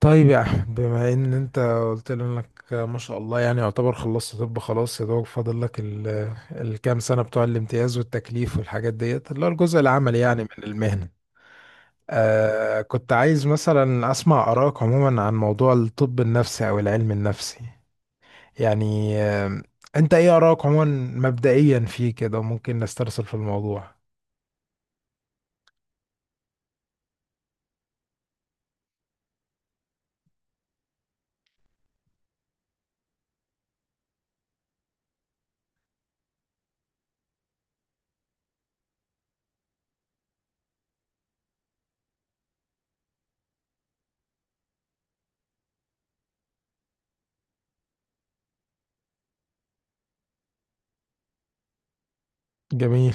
طيب يا احمد، بما ان انت قلت لي انك ما شاء الله يعني يعتبر خلصت. طب خلاص، يا دوب فاضل لك الكام سنه بتوع الامتياز والتكليف والحاجات ديت اللي هو الجزء العملي يعني من المهنه. كنت عايز مثلا اسمع ارائك عموما عن موضوع الطب النفسي او العلم النفسي، يعني آه انت ايه ارائك عموما؟ مبدئيا فيه كده ممكن نسترسل في الموضوع. جميل.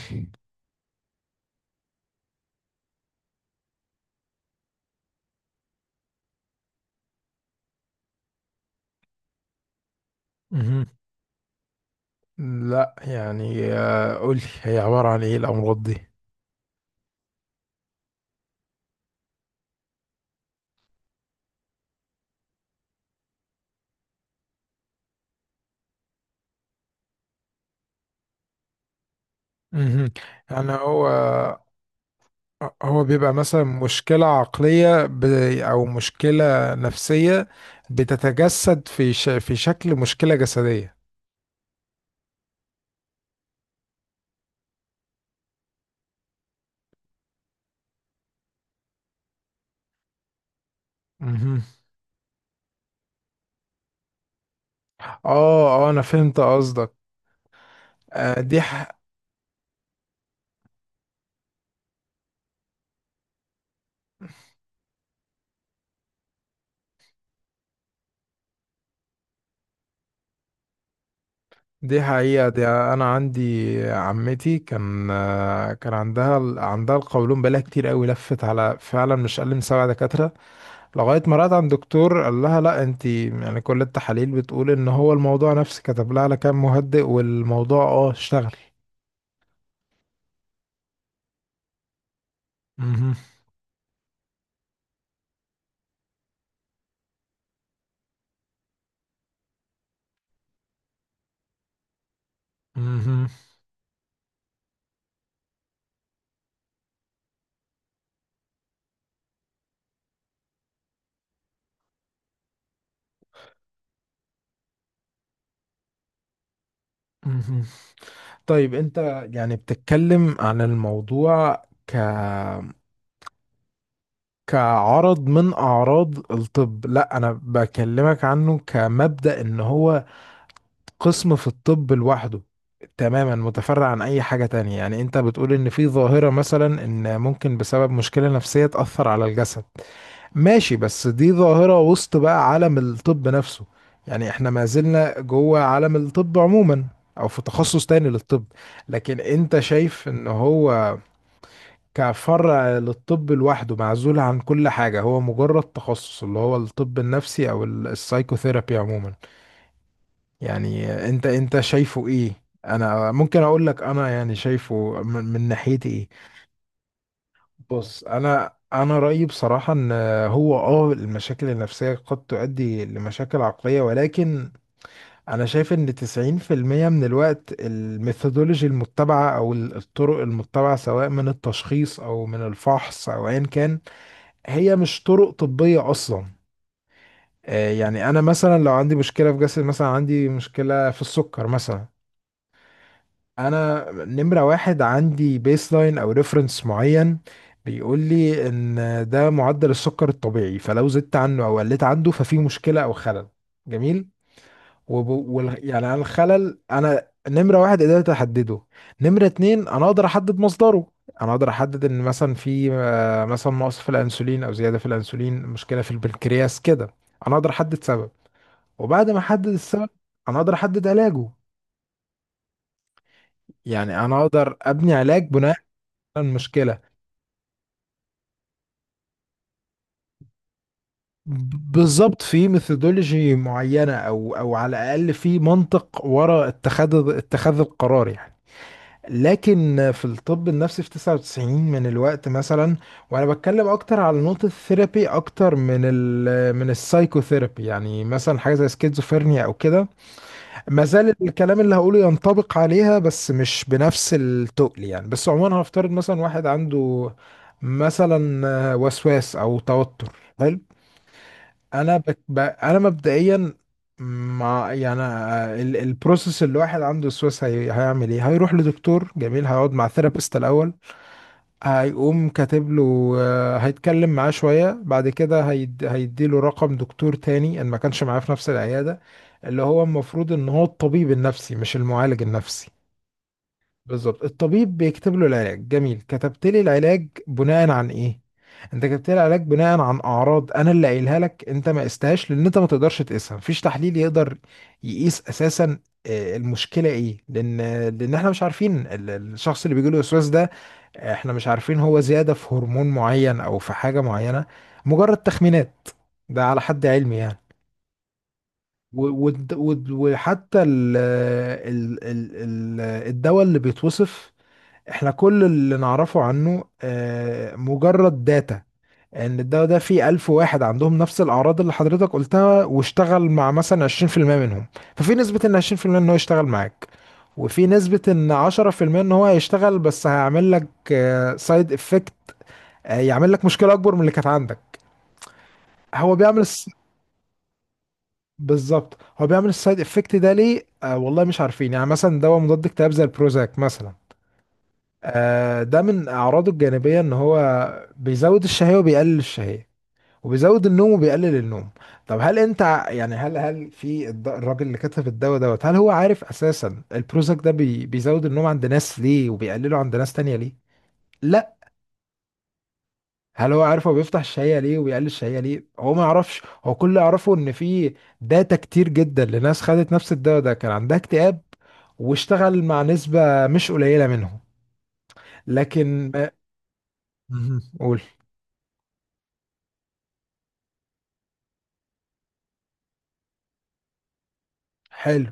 مهم. لا يعني، قولي هي عباره عن ايه الامراض دي. مهم. يعني هو بيبقى مثلا مشكلة عقلية أو مشكلة نفسية بتتجسد في شكل مشكلة جسدية. مهم. اه اه، أنا فهمت قصدك. آه، دي ح... دي حقيقة. دي أنا عندي عمتي كان، عندها عندها القولون بقالها كتير قوي. لفت على فعلا مش أقل من 7 دكاترة لغاية ما رأت عند دكتور قال لها لا انت يعني كل التحاليل بتقول ان هو الموضوع نفسي. كتب لها على كام مهدئ، والموضوع اشتغل. مهم. مهم. مهم. طيب انت يعني بتتكلم عن الموضوع كعرض من اعراض الطب. لا، انا بكلمك عنه كمبدأ ان هو قسم في الطب لوحده، تماما متفرع عن اي حاجة تانية. يعني انت بتقول ان في ظاهرة مثلا ان ممكن بسبب مشكلة نفسية تأثر على الجسد. ماشي، بس دي ظاهرة وسط بقى عالم الطب نفسه، يعني احنا ما زلنا جوه عالم الطب عموما، او في تخصص تاني للطب. لكن انت شايف ان هو كفرع للطب لوحده، معزول عن كل حاجة، هو مجرد تخصص اللي هو الطب النفسي او السايكوثيرابي عموما. يعني انت شايفه ايه؟ انا ممكن اقول لك انا يعني شايفه من ناحيتي ايه. بص انا رايي بصراحه ان هو، المشاكل النفسيه قد تؤدي لمشاكل عقليه، ولكن انا شايف ان 90% من الوقت الميثودولوجي المتبعه او الطرق المتبعه سواء من التشخيص او من الفحص او ايا كان، هي مش طرق طبيه اصلا. يعني انا مثلا لو عندي مشكله في جسد، مثلا عندي مشكله في السكر مثلا، انا نمرة واحد عندي بيس لاين او ريفرنس معين بيقول لي ان ده معدل السكر الطبيعي، فلو زدت عنه او قلت عنده ففي مشكلة او خلل. جميل. يعني انا الخلل انا نمرة واحد قدرت احدده. نمرة اتنين انا اقدر احدد مصدره. انا اقدر احدد ان مثلا في مثلا نقص في الانسولين او زيادة في الانسولين، مشكلة في البنكرياس كده. انا اقدر احدد سبب، وبعد ما احدد السبب انا اقدر احدد علاجه. يعني انا اقدر ابني علاج بناء المشكلة. بالظبط، في ميثودولوجي معينة، أو على الأقل في منطق وراء اتخاذ القرار يعني. لكن في الطب النفسي في 99 من الوقت مثلا، وأنا بتكلم أكتر على نقطة الثيرابي أكتر من من السايكوثيرابي. يعني مثلا حاجة زي سكيزوفرينيا أو كده، ما زال الكلام اللي هقوله ينطبق عليها بس مش بنفس التقل يعني. بس عموما هنفترض مثلا واحد عنده مثلا وسواس أو توتر. حلو. انا مبدئيا مع، يعني البروسيس اللي واحد عنده وسواس هيعمل ايه. هيروح لدكتور، جميل. هيقعد مع ثيرابيست الاول، هيقوم كاتب له، هيتكلم معاه شويه، بعد كده هيديله رقم دكتور تاني ان ما كانش معاه في نفس العياده، اللي هو المفروض ان هو الطبيب النفسي مش المعالج النفسي. بالظبط، الطبيب بيكتب له العلاج. جميل، كتبت لي العلاج بناء عن ايه؟ انت كتبت لي العلاج بناء عن اعراض انا اللي قايلها لك، انت ما قستهاش لان انت ما تقدرش تقيسها، مفيش تحليل يقدر يقيس اساسا المشكله ايه، لان احنا مش عارفين الشخص اللي بيجي له وسواس ده، احنا مش عارفين هو زياده في هرمون معين او في حاجه معينه، مجرد تخمينات. ده على حد علمي يعني. وحتى الدواء اللي بيتوصف، احنا كل اللي نعرفه عنه مجرد داتا ان الدواء ده فيه 1000 واحد عندهم نفس الأعراض اللي حضرتك قلتها، واشتغل مع مثلا 20% منهم. ففي نسبة ان 20% ان هو يشتغل معاك، وفي نسبة ان 10% ان هو هيشتغل بس هيعمل لك سايد افكت، يعمل لك مشكلة أكبر من اللي كانت عندك. هو بيعمل الس- بالظبط، هو بيعمل السايد افكت ده ليه؟ والله مش عارفين. يعني مثلا دواء مضاد اكتئاب زي البروزاك مثلا، ده من أعراضه الجانبية إن هو بيزود الشهية وبيقلل الشهية، وبيزود النوم وبيقلل النوم. طب هل أنت ع- يعني هل الراجل اللي كتب الدواء دوت، هل هو عارف أساسا البروزاك ده بيزود النوم عند ناس ليه وبيقلله عند ناس تانية ليه؟ لا. هل هو عارف هو بيفتح الشهية ليه وبيقلل الشهية ليه؟ هو ما يعرفش. هو كل اللي يعرفه إن في داتا كتير جدا لناس خدت نفس الدواء ده كان عندها اكتئاب، واشتغل مع نسبة مش قليلة منهم. لكن، مهم. قول. حلو.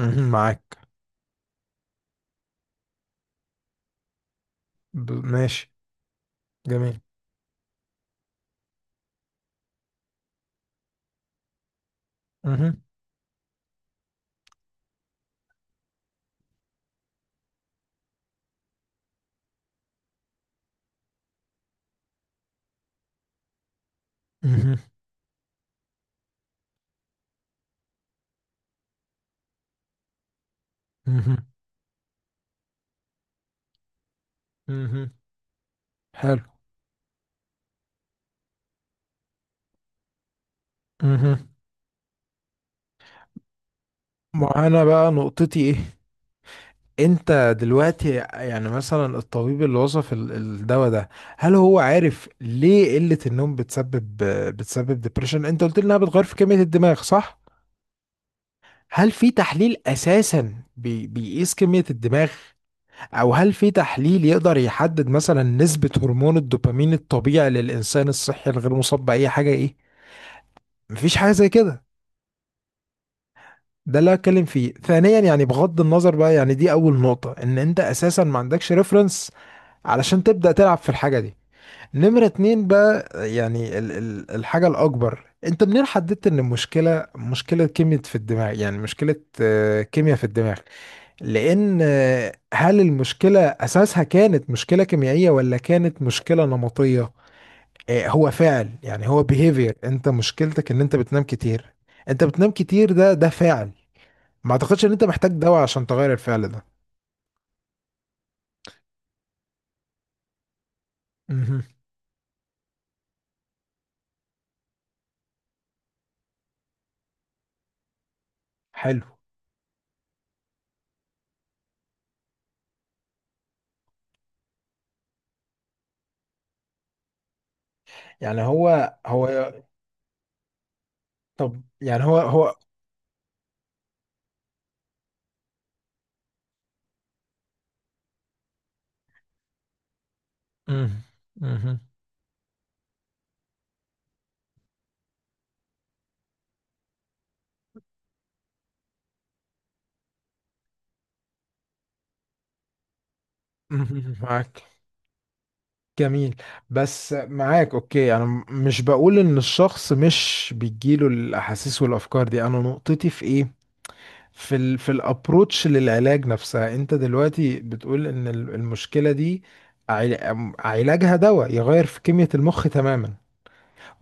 مهم. معاك. ماشي. جميل. مهم. مهم. مهم. مهم. حلو. مهم. وانا بقى نقطتي ايه؟ انت دلوقتي يعني مثلا الطبيب اللي وصف الدواء ده، هل هو عارف ليه قلة النوم بتسبب ديبريشن؟ انت قلت لي انها بتغير في كمية الدماغ، صح. هل في تحليل اساسا بيقيس كمية الدماغ؟ او هل في تحليل يقدر يحدد مثلا نسبة هرمون الدوبامين الطبيعي للانسان الصحي الغير مصاب بأي حاجة ايه؟ مفيش حاجه زي كده. ده اللي هتكلم فيه ثانيا. يعني بغض النظر بقى، يعني دي اول نقطه، ان انت اساسا ما عندكش ريفرنس علشان تبدا تلعب في الحاجه دي. نمره اتنين بقى، يعني ال ال الحاجه الاكبر، انت منين حددت ان المشكله مشكله كيمياء في الدماغ؟ يعني مشكله كيمياء في الدماغ، لان هل المشكله اساسها كانت مشكله كيميائيه ولا كانت مشكله نمطيه؟ هو فعل، يعني هو behavior. انت مشكلتك ان انت بتنام كتير. انت بتنام كتير، ده فعل. ما اعتقدش ان انت محتاج دواء عشان تغير الفعل ده. مهم. حلو. يعني هو، طب يعني هو. مهم. مهم. مهم. معاك. جميل. بس معاك، اوكي، انا مش بقول ان الشخص مش بيجيله الاحاسيس والافكار دي. انا نقطتي في ايه؟ في الابروتش للعلاج نفسها. انت دلوقتي بتقول ان المشكله دي، علاجها دواء يغير في كميه المخ تماما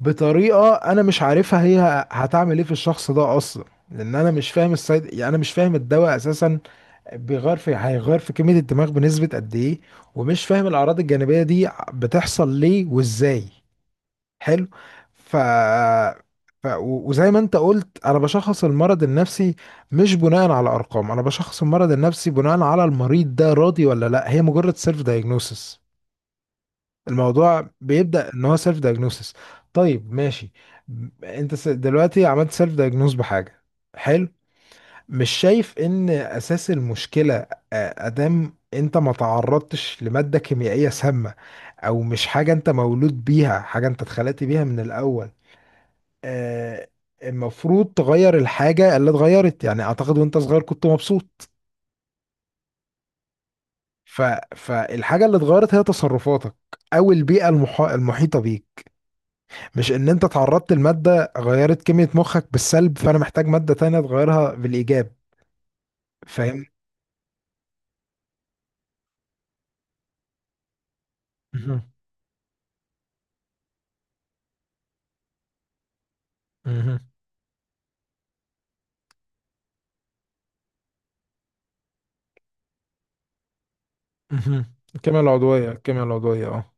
بطريقه انا مش عارفها هي هتعمل ايه في الشخص ده اصلا، لان انا مش فاهم السايد، يعني انا مش فاهم الدواء اساسا بيغير في هيغير في كميه الدماغ بنسبه قد ايه، ومش فاهم الاعراض الجانبيه دي بتحصل ليه وازاي. حلو. ف... وزي ما انت قلت، انا بشخص المرض النفسي مش بناء على ارقام، انا بشخص المرض النفسي بناء على المريض ده راضي ولا لا. هي مجرد سيلف دايجنوسس، الموضوع بيبدأ ان هو سيلف دايجنوسس. طيب ماشي. انت دلوقتي عملت سيلف دايجنوس بحاجة. حلو. مش شايف ان اساس المشكلة، ادام انت ما تعرضتش لمادة كيميائية سامة او مش حاجة انت مولود بيها، حاجة انت اتخلقت بيها من الاول، آه، المفروض تغير الحاجة اللي اتغيرت؟ يعني اعتقد وانت صغير كنت مبسوط. ف... فالحاجة اللي اتغيرت هي تصرفاتك او البيئة المحيطة بيك، مش ان انت تعرضت لمادة غيرت كمية مخك بالسلب فانا محتاج مادة تانية تغيرها بالايجاب. فاهم. مهم. مهم. مهم. الكيمياء العضوية، الكيمياء العضوية. اه.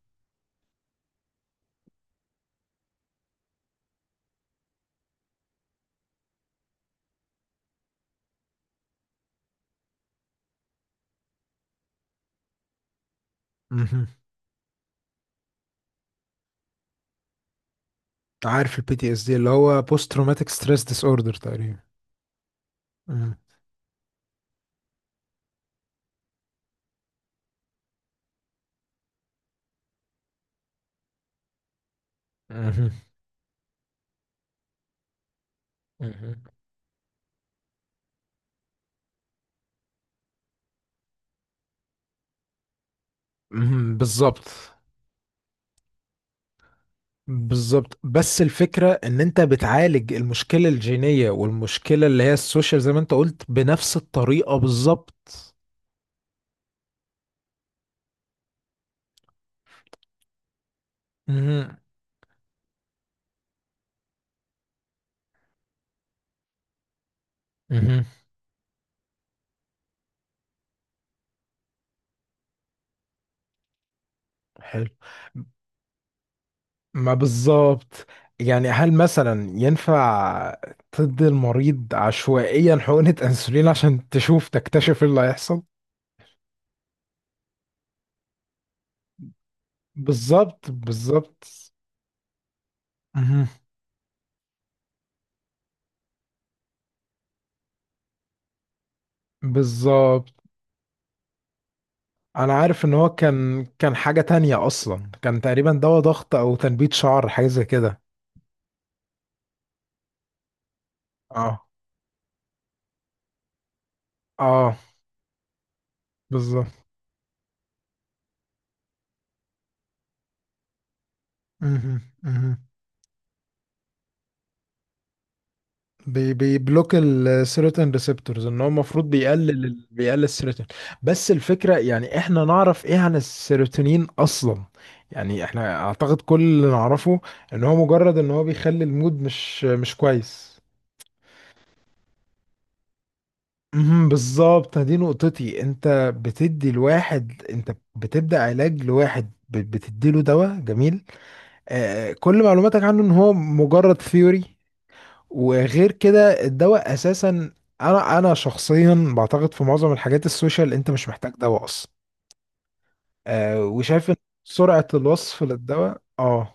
مهم. عارف PTSD اللي هو بوست تروماتيك ستريس ديس اوردر تقريبا. مهم. مهم. مهم. مهم. بالظبط، بالظبط. بس الفكرة ان انت بتعالج المشكلة الجينية والمشكلة اللي هي السوشيال زي ما انت قلت بنفس الطريقة بالظبط. مهم. مهم. حلو. ما بالظبط، يعني هل مثلا ينفع تدي المريض عشوائيا حقنة انسولين عشان تشوف تكتشف ايه اللي هيحصل؟ بالظبط، بالظبط. مهم. بالظبط. انا عارف ان هو كان حاجة تانية اصلا، كان تقريبا دواء ضغط او تنبيت شعر حاجة زي كده. اه. اه. بالظبط. مهم. مهم. بيبلوك السيروتين ريسبتورز، ان هو المفروض بيقلل بيقلل السيروتين. بس الفكره يعني احنا نعرف ايه عن السيروتونين اصلا؟ يعني احنا اعتقد كل اللي نعرفه ان هو بيخلي المود مش كويس. مهم. بالظبط، دي نقطتي. انت بتدي الواحد، انت بتبدا علاج لواحد بتدي له دواء، جميل. كل معلوماتك عنه ان هو مجرد ثيوري. وغير كده الدواء اساسا، انا شخصيا بعتقد في معظم الحاجات السوشيال انت مش محتاج دواء اصلا. وشايف ان سرعة الوصف للدواء اه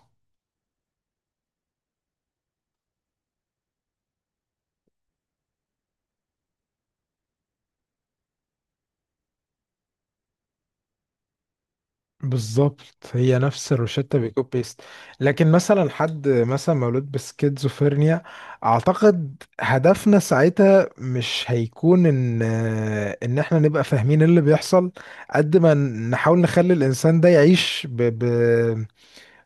بالظبط، هي نفس الروشتة بيكوب بيست. لكن مثلا حد مثلا مولود بسكيزوفرينيا، اعتقد هدفنا ساعتها مش هيكون ان احنا نبقى فاهمين اللي بيحصل قد ما نحاول نخلي الانسان ده يعيش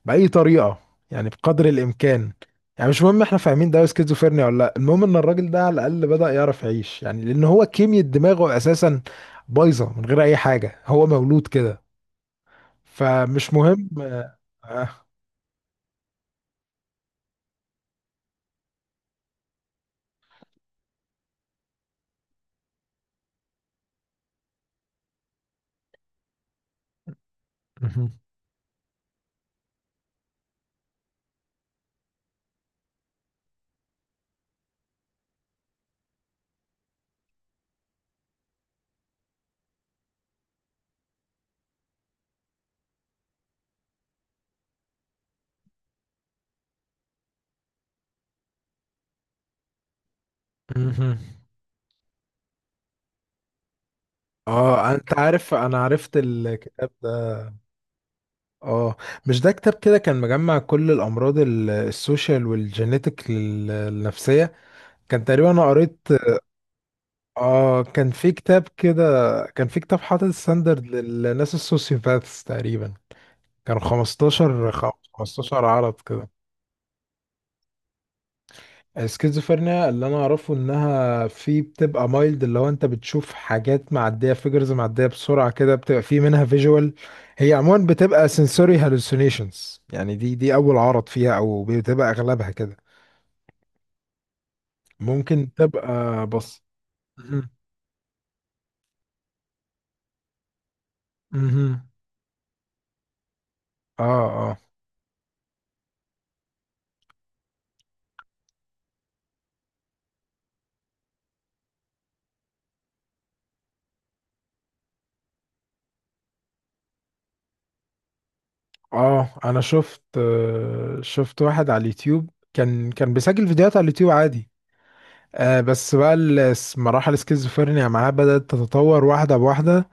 بأي طريقة، يعني بقدر الإمكان. يعني مش مهم احنا فاهمين ده سكيزوفرينيا ولا لا، المهم ان الراجل ده على الأقل بدأ يعرف يعيش، يعني لأن هو كيمياء دماغه أساسا بايظة من غير أي حاجة، هو مولود كده. فمش مهم اه آه. مهم. مهم. انت عارف، انا عرفت الكتاب ده. اه. مش ده كتاب كده كان مجمع كل الامراض السوشيال والجينيتك النفسية، كان تقريبا، انا قريت. اه، كان في كتاب كده، كان في كتاب حاطط ستاندرد للناس السوسيوباثs تقريبا، كانوا 15 عرض كده. السكيزوفرينيا اللي انا اعرفه انها في، بتبقى مايلد اللي هو انت بتشوف حاجات معديه، فيجرز معديه بسرعه كده، بتبقى في منها فيجوال. هي عموما بتبقى sensory hallucinations. يعني دي اول عرض فيها او بتبقى اغلبها كده. ممكن تبقى بص. مهم. مهم. اه اه، انا شفت، شفت واحد على اليوتيوب، كان بيسجل فيديوهات على اليوتيوب عادي. بس بقى مراحل السكيزوفرينيا معاه بدأت تتطور واحدة بواحدة،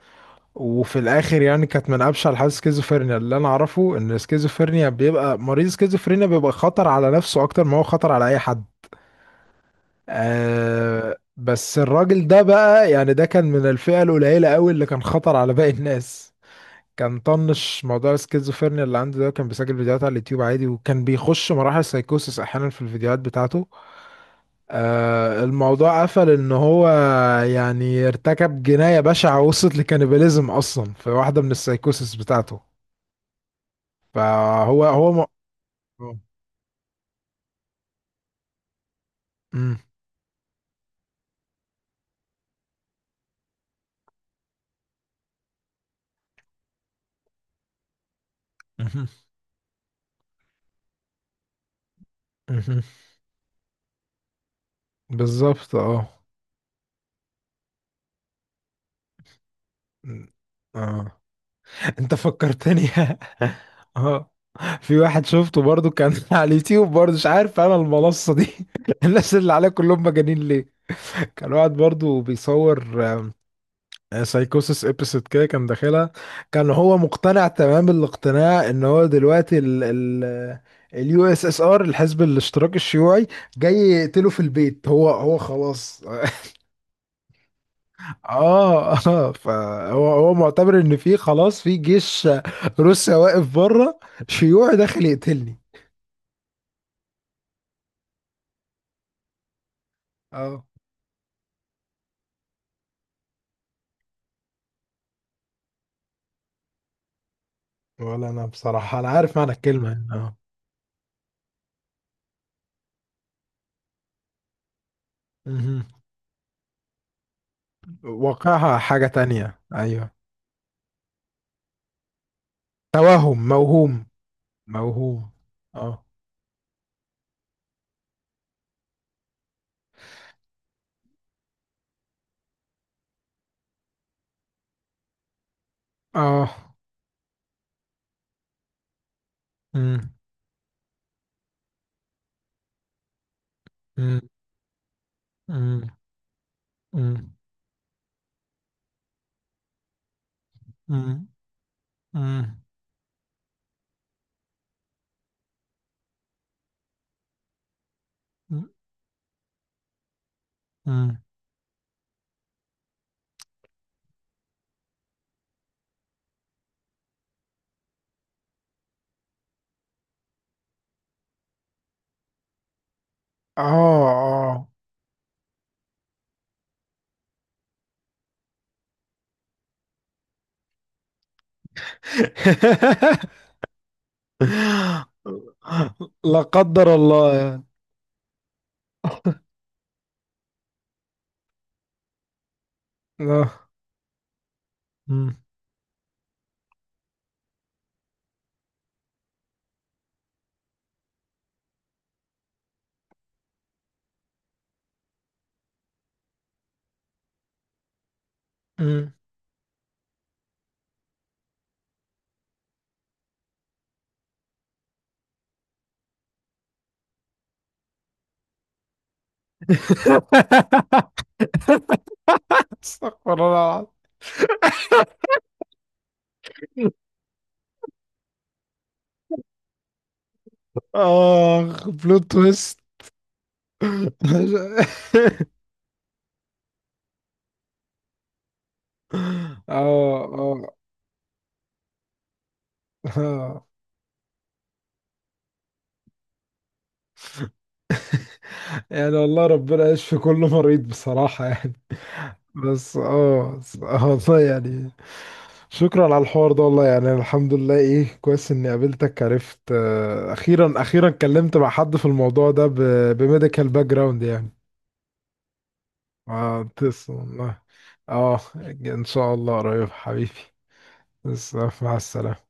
وفي الآخر يعني كانت من أبشع الحالات. السكيزوفرينيا اللي أنا أعرفه إن السكيزوفرينيا بيبقى مريض السكيزوفرينيا بيبقى خطر على نفسه أكتر ما هو خطر على أي حد. بس الراجل ده بقى، يعني ده كان من الفئة القليلة قوي اللي كان خطر على باقي الناس. كان طنش موضوع السكيزوفرينيا اللي عنده ده، كان بيسجل فيديوهات على اليوتيوب عادي، وكان بيخش مراحل سايكوسس احيانا في الفيديوهات بتاعته. الموضوع قفل ان هو يعني ارتكب جناية بشعة وصلت لكانيباليزم اصلا في واحدة من السايكوسس بتاعته. فهو. مم. مهم. مهم. بالظبط. اه. مم. اه. انت فكرتني. اه، في واحد شفته برضو كان على اليوتيوب برضو، مش عارف انا المنصة دي الناس اللي عليها كلهم مجانين ليه. كان واحد برضو بيصور سايكوسس ابيسود كده كان داخلها. كان هو مقتنع تمام الاقتناع ان هو دلوقتي ال ال USSR، الحزب الاشتراكي الشيوعي، جاي يقتله في البيت. هو خلاص، اه اه، فهو معتبر ان في خلاص، في جيش روسيا واقف بره، شيوعي داخل يقتلني. اه. ولا انا بصراحة، انا عارف معنى الكلمة يعني. اه. مهم. واقعها حاجة تانية، ايوه. توهم، موهوم. موهوم. اه. اه. مم. مم. مم. مم. مم. مم. مم. اه اه. لا قدر الله يعني. آه. مم. مم. استغفر الله العظيم. اخ، بلوت تويست. اه اه. آه. يعني والله ربنا يشفي كل مريض بصراحة يعني. بس والله يعني، شكرا على الحوار ده، والله. يعني الحمد لله، ايه كويس اني قابلتك، عرفت اخيرا اخيرا اتكلمت مع حد في الموضوع ده بميديكال باك جراوند يعني. اه تسلم والله. اه. ان شاء الله قريب حبيبي. بس مع السلامة.